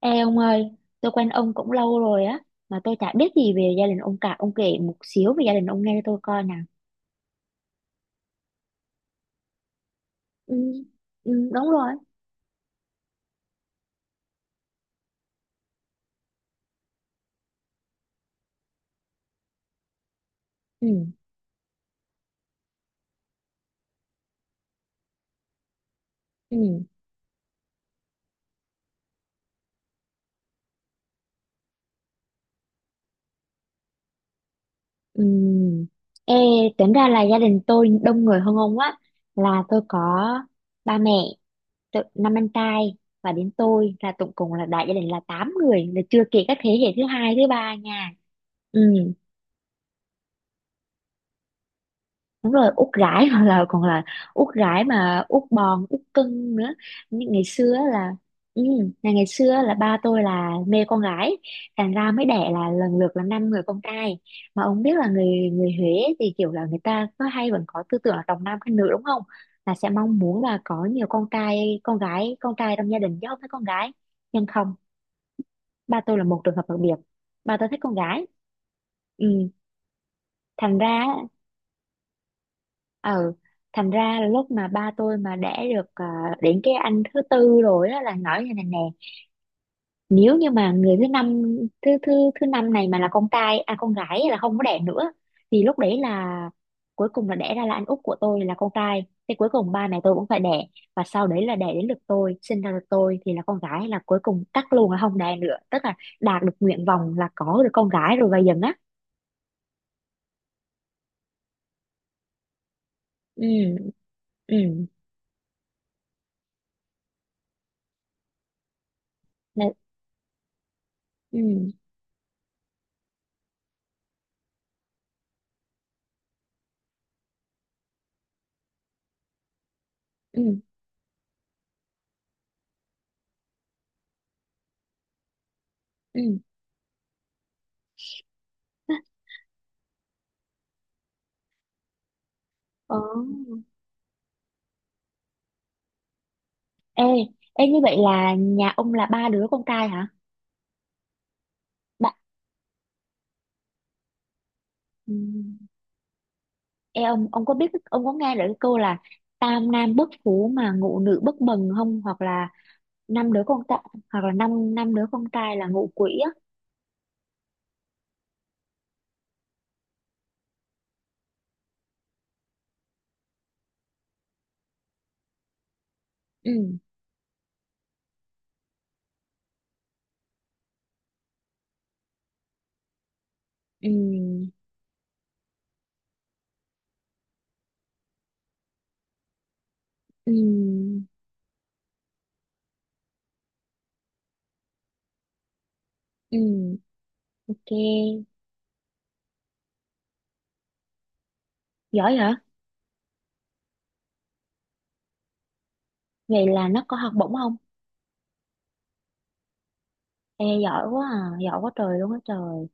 Ê ông ơi, tôi quen ông cũng lâu rồi á, mà tôi chả biết gì về gia đình ông cả. Ông kể một xíu về gia đình ông nghe cho tôi coi nào. Ừ, đúng rồi. Ừ, ừ, ừ. Ê, tính ra là gia đình tôi đông người hơn ông á. Là tôi có ba mẹ, năm anh trai và đến tôi là tổng cộng là đại gia đình là 8 người. Là chưa kể các thế hệ thứ hai, thứ ba nha. Ừ. Đúng rồi, út gái hoặc là còn là út gái mà út bòn út cưng nữa, như ngày xưa á là, ừ, ngày ngày xưa á là ba tôi là mê con gái, thành ra mới đẻ là lần lượt là năm người con trai. Mà ông biết là người người Huế thì kiểu là người ta có hay vẫn có tư tưởng là trọng nam khinh nữ đúng không, là sẽ mong muốn là có nhiều con trai, con gái con trai trong gia đình chứ không phải con gái. Nhưng không, ba tôi là một trường hợp đặc biệt, ba tôi thích con gái. Ừ, thành ra, ừ, thành ra là lúc mà ba tôi mà đẻ được đến cái anh thứ tư rồi đó là nói như này nè, nếu như mà người thứ năm, thứ thứ thứ năm này mà là con trai à con gái là không có đẻ nữa, thì lúc đấy là cuối cùng là đẻ ra là anh út của tôi là con trai thì cuối cùng ba mẹ tôi cũng phải đẻ, và sau đấy là đẻ đến lượt tôi sinh ra được, tôi thì là con gái là cuối cùng cắt luôn là không đẻ nữa, tức là đạt được nguyện vọng là có được con gái rồi và dần á. Ừ, ừ, ừ, ừ, ừ, ừ. Ờ. Ê, ê như vậy là nhà ông là ba đứa con trai hả? Ba... ừm, Ê ông có biết, ông có nghe được cái câu là tam nam bất phú mà ngũ nữ bất bần không? Hoặc là năm đứa con trai, hoặc là năm năm đứa con trai là ngũ quỷ á. Ừ, ừ, ừ, ừ, ok. Giỏi hả? Vậy là nó có học bổng không? Ê, giỏi quá à, giỏi quá trời luôn á trời.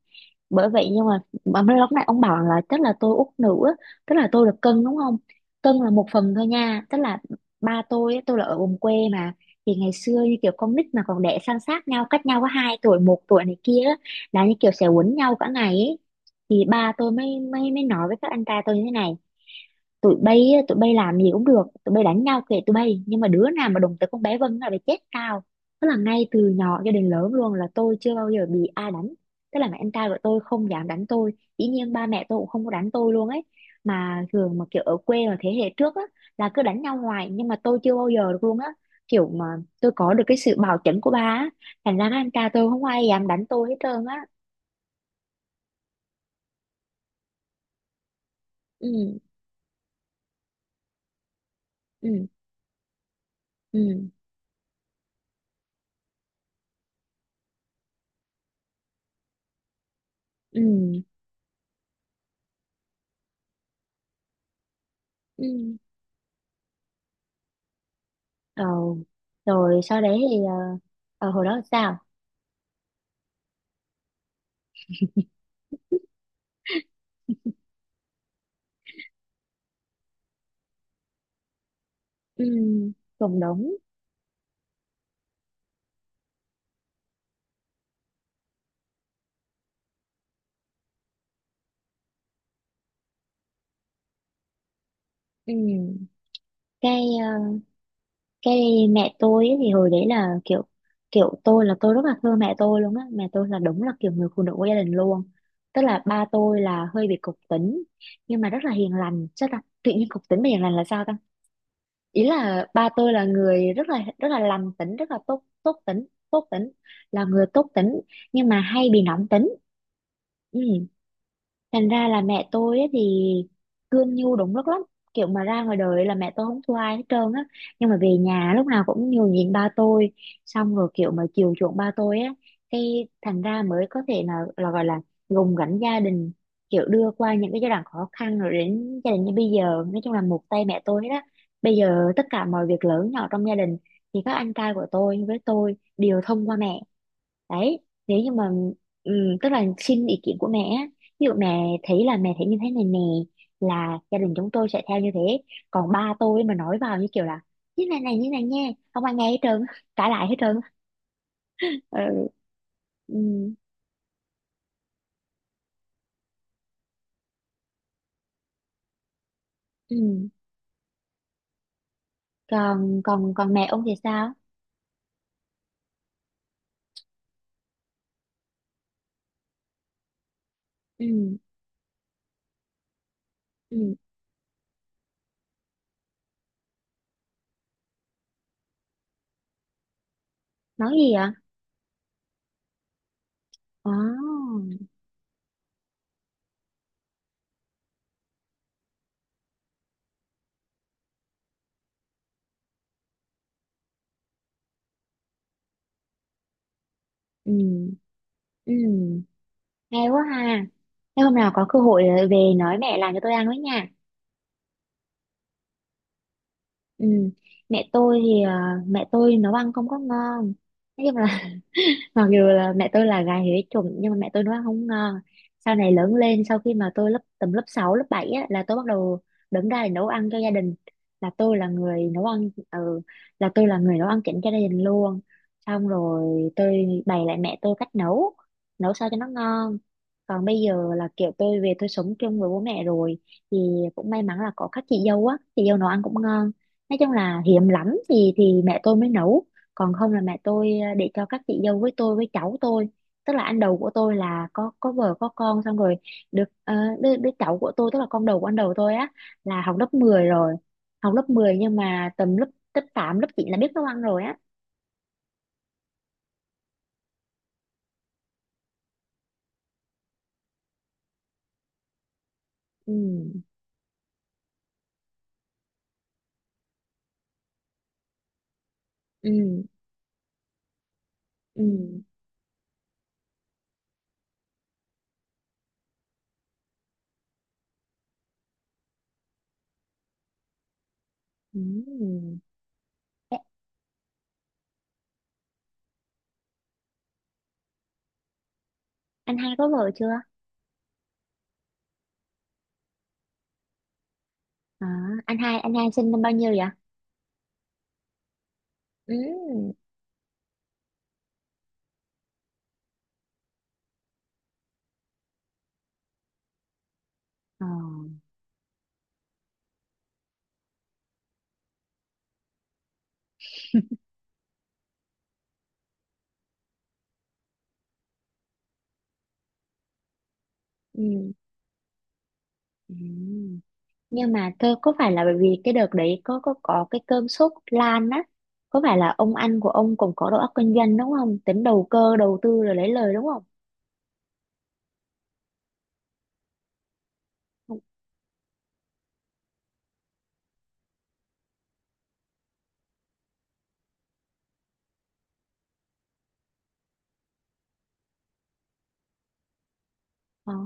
Bởi vậy, nhưng mà mấy lúc này ông bảo là tức là tôi út nữ á, tức là tôi được cân đúng không, cân là một phần thôi nha, tức là ba tôi á, tôi là ở vùng quê mà, thì ngày xưa như kiểu con nít mà còn đẻ san sát nhau cách nhau có hai tuổi một tuổi này kia á, là như kiểu sẽ quấn nhau cả ngày ấy. Thì ba tôi mới mới mới nói với các anh trai tôi như thế này: tụi bay á, tụi bay làm gì cũng được, tụi bay đánh nhau kệ tụi bay, nhưng mà đứa nào mà đụng tới con bé Vân là phải chết tao. Tức là ngay từ nhỏ cho đến lớn luôn là tôi chưa bao giờ bị ai đánh, tức là mẹ anh trai của tôi không dám đánh tôi, dĩ nhiên ba mẹ tôi cũng không có đánh tôi luôn ấy. Mà thường mà kiểu ở quê mà thế hệ trước á là cứ đánh nhau hoài, nhưng mà tôi chưa bao giờ được luôn á, kiểu mà tôi có được cái sự bảo chẩn của ba á, thành ra các anh trai tôi không ai dám đánh tôi hết trơn á. Ừ, ừ, ừ, ừ, ừ, ừ. Ờ, rồi sau đấy thì ờ, hồi đó sao? Ừ, cũng đúng. Ừ. Cái ờ, cái Mẹ tôi ấy, thì hồi đấy là kiểu, kiểu tôi là tôi rất là thương mẹ tôi luôn á. Mẹ tôi là đúng là kiểu người phụ nữ của gia đình luôn. Tức là ba tôi là hơi bị cục tính nhưng mà rất là hiền lành. Chắc là tự nhiên cục tính mà hiền lành là sao ta? Ý là ba tôi là người rất là lành tính, rất là tốt tốt tính, tốt tính, là người tốt tính nhưng mà hay bị nóng tính. Ừ. Thành ra là mẹ tôi á thì cương nhu đúng lúc lắm, kiểu mà ra ngoài đời là mẹ tôi không thua ai hết trơn á, nhưng mà về nhà lúc nào cũng nhường nhịn ba tôi, xong rồi kiểu mà chiều chuộng ba tôi á, cái thành ra mới có thể là gọi là gồng gánh gia đình, kiểu đưa qua những cái giai đoạn khó khăn rồi đến gia đình như bây giờ, nói chung là một tay mẹ tôi đó. Bây giờ tất cả mọi việc lớn nhỏ trong gia đình thì các anh trai của tôi với tôi đều thông qua mẹ. Đấy, nếu như mà ừm, tức là xin ý kiến của mẹ, á. Ví dụ mẹ thấy là mẹ thấy như thế này nè, là gia đình chúng tôi sẽ theo như thế. Còn ba tôi mà nói vào như kiểu là như này này như này nha, không ai nghe hết trơn, cãi lại hết trơn. Ừ, ừm, ừm. Còn còn còn mẹ ông thì sao? Ừ, ừ. Nói gì ạ? Ồ, ừ, ừ. Hay quá ha. Thế hôm nào có cơ hội về nói mẹ làm cho tôi ăn với nha. Ừ. Mẹ tôi thì mẹ tôi nấu ăn không có ngon. Nói chung là mặc dù là mẹ tôi là gà huế chủng nhưng mà mẹ tôi nấu ăn không ngon. Sau này lớn lên sau khi mà tôi lớp tầm lớp 6 lớp 7 á, là tôi bắt đầu đứng ra để nấu ăn cho gia đình, là tôi là người nấu ăn, ừ, là tôi là người nấu ăn chỉnh cho gia đình luôn, xong rồi tôi bày lại mẹ tôi cách nấu, nấu sao cho nó ngon. Còn bây giờ là kiểu tôi về tôi sống chung với bố mẹ rồi, thì cũng may mắn là có các chị dâu á, chị dâu nấu ăn cũng ngon, nói chung là hiếm lắm thì mẹ tôi mới nấu, còn không là mẹ tôi để cho các chị dâu với tôi với cháu tôi, tức là anh đầu của tôi là có vợ có con xong rồi, được đứa cháu của tôi tức là con đầu của anh đầu tôi á là học lớp mười rồi, học lớp mười nhưng mà tầm lớp lớp 8, lớp chín là biết nấu ăn rồi á. Ừ, ừ, ừ, ừ. Ê, anh hai có vợ chưa? À, anh hai sinh năm bao nhiêu vậy? Ừ. Ờ. Ừ. Ừ. Nhưng mà tôi có phải là bởi vì cái đợt đấy có cái cơn sốt lan á, có phải là ông anh của ông cũng có đầu óc kinh doanh đúng không, tính đầu cơ đầu tư rồi lấy lời đúng không? Không có,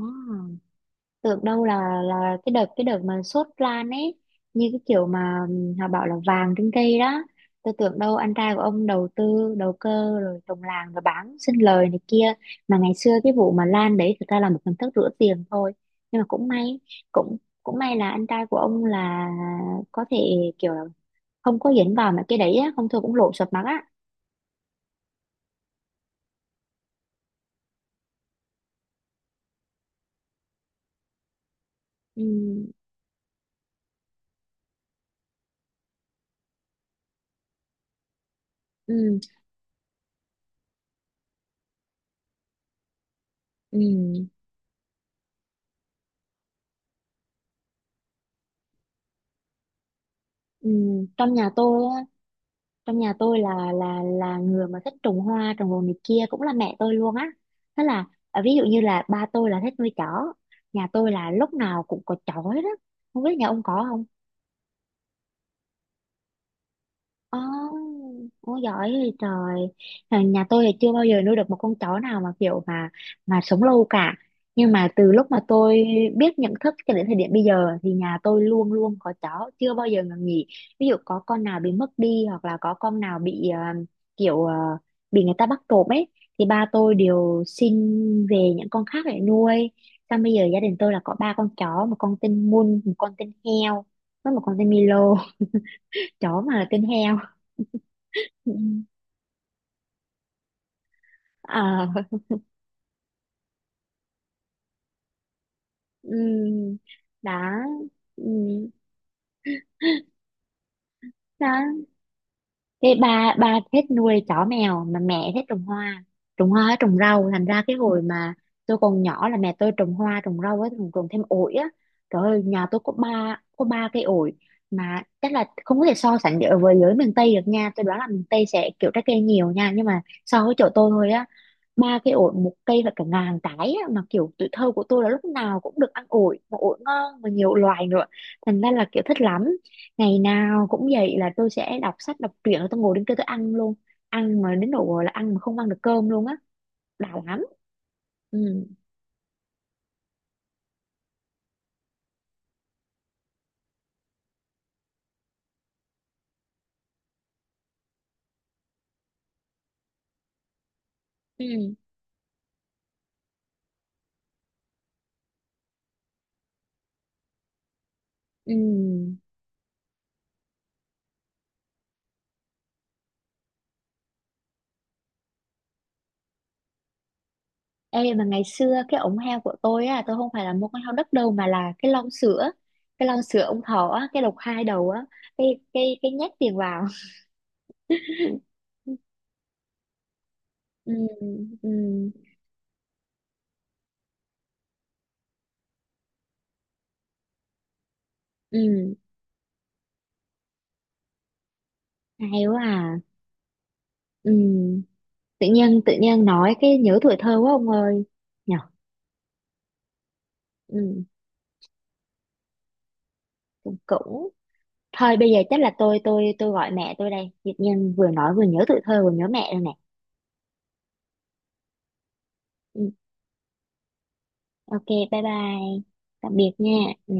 tưởng đâu là cái đợt mà sốt lan ấy, như cái kiểu mà họ bảo là vàng trên cây đó, tôi tưởng đâu anh trai của ông đầu tư đầu cơ rồi trồng làng rồi bán sinh lời này kia, mà ngày xưa cái vụ mà lan đấy thực ra là một hình thức rửa tiền thôi, nhưng mà cũng may, cũng cũng may là anh trai của ông là có thể kiểu là không có dính vào mấy cái đấy á, không thôi cũng lộ sọt mặt á. Ừ, ừ, ừ, ừ. trong nhà tôi Trong nhà tôi là người mà thích trồng hoa trồng đồ này kia cũng là mẹ tôi luôn á, thế là à, ví dụ như là ba tôi là thích nuôi chó, nhà tôi là lúc nào cũng có chó hết á, không biết nhà ông có không. Ồ, oh, giỏi thì trời. Nhà nhà tôi thì chưa bao giờ nuôi được một con chó nào mà kiểu mà sống lâu cả. Nhưng mà từ lúc mà tôi biết nhận thức cho đến thời điểm bây giờ thì nhà tôi luôn luôn có chó, chưa bao giờ ngừng nghỉ. Ví dụ có con nào bị mất đi hoặc là có con nào bị kiểu bị người ta bắt trộm ấy, thì ba tôi đều xin về những con khác để nuôi. Xong bây giờ gia đình tôi là có ba con chó, một con tên Mun, một con tên heo, với một con tên Milo, chó mà tên heo. Ừ. Ờ, ừm, đó, ừm, đó. Thế ba ba thích nuôi chó mèo mà mẹ thích trồng hoa, trồng hoa với trồng rau, thành ra cái hồi mà tôi còn nhỏ là mẹ tôi trồng hoa trồng rau với trồng thêm ổi á. Trời ơi nhà tôi có ba cây ổi, mà chắc là không có thể so sánh được với miền Tây được nha, tôi đoán là miền Tây sẽ kiểu trái cây nhiều nha, nhưng mà so với chỗ tôi thôi á, ba cái ổi một cây và cả ngàn cái á, mà kiểu tuổi thơ của tôi là lúc nào cũng được ăn ổi, mà ổi ngon mà nhiều loài nữa, thành ra là kiểu thích lắm, ngày nào cũng vậy là tôi sẽ đọc sách đọc truyện rồi tôi ngồi đến kia tôi ăn luôn, ăn mà đến độ là ăn mà không ăn được cơm luôn á, đã lắm. Ừ, ừ, ừ. Ê mà ngày xưa cái ống heo của tôi á, tôi không phải là một con heo đất đâu mà là cái lon sữa, cái lon sữa ông thọ á, cái lộc hai đầu á, cái nhét tiền vào. Ừ, ừ, ừ. Hay quá à. Ừ. Tự nhiên nói cái nhớ tuổi thơ quá ông ơi. Nhở. Ừ. Cũng thôi bây giờ chắc là tôi gọi mẹ tôi đây. Tự nhiên vừa nói vừa nhớ tuổi thơ vừa nhớ mẹ rồi nè. Ừ. Ok, bye bye. Tạm biệt nha. Ừ.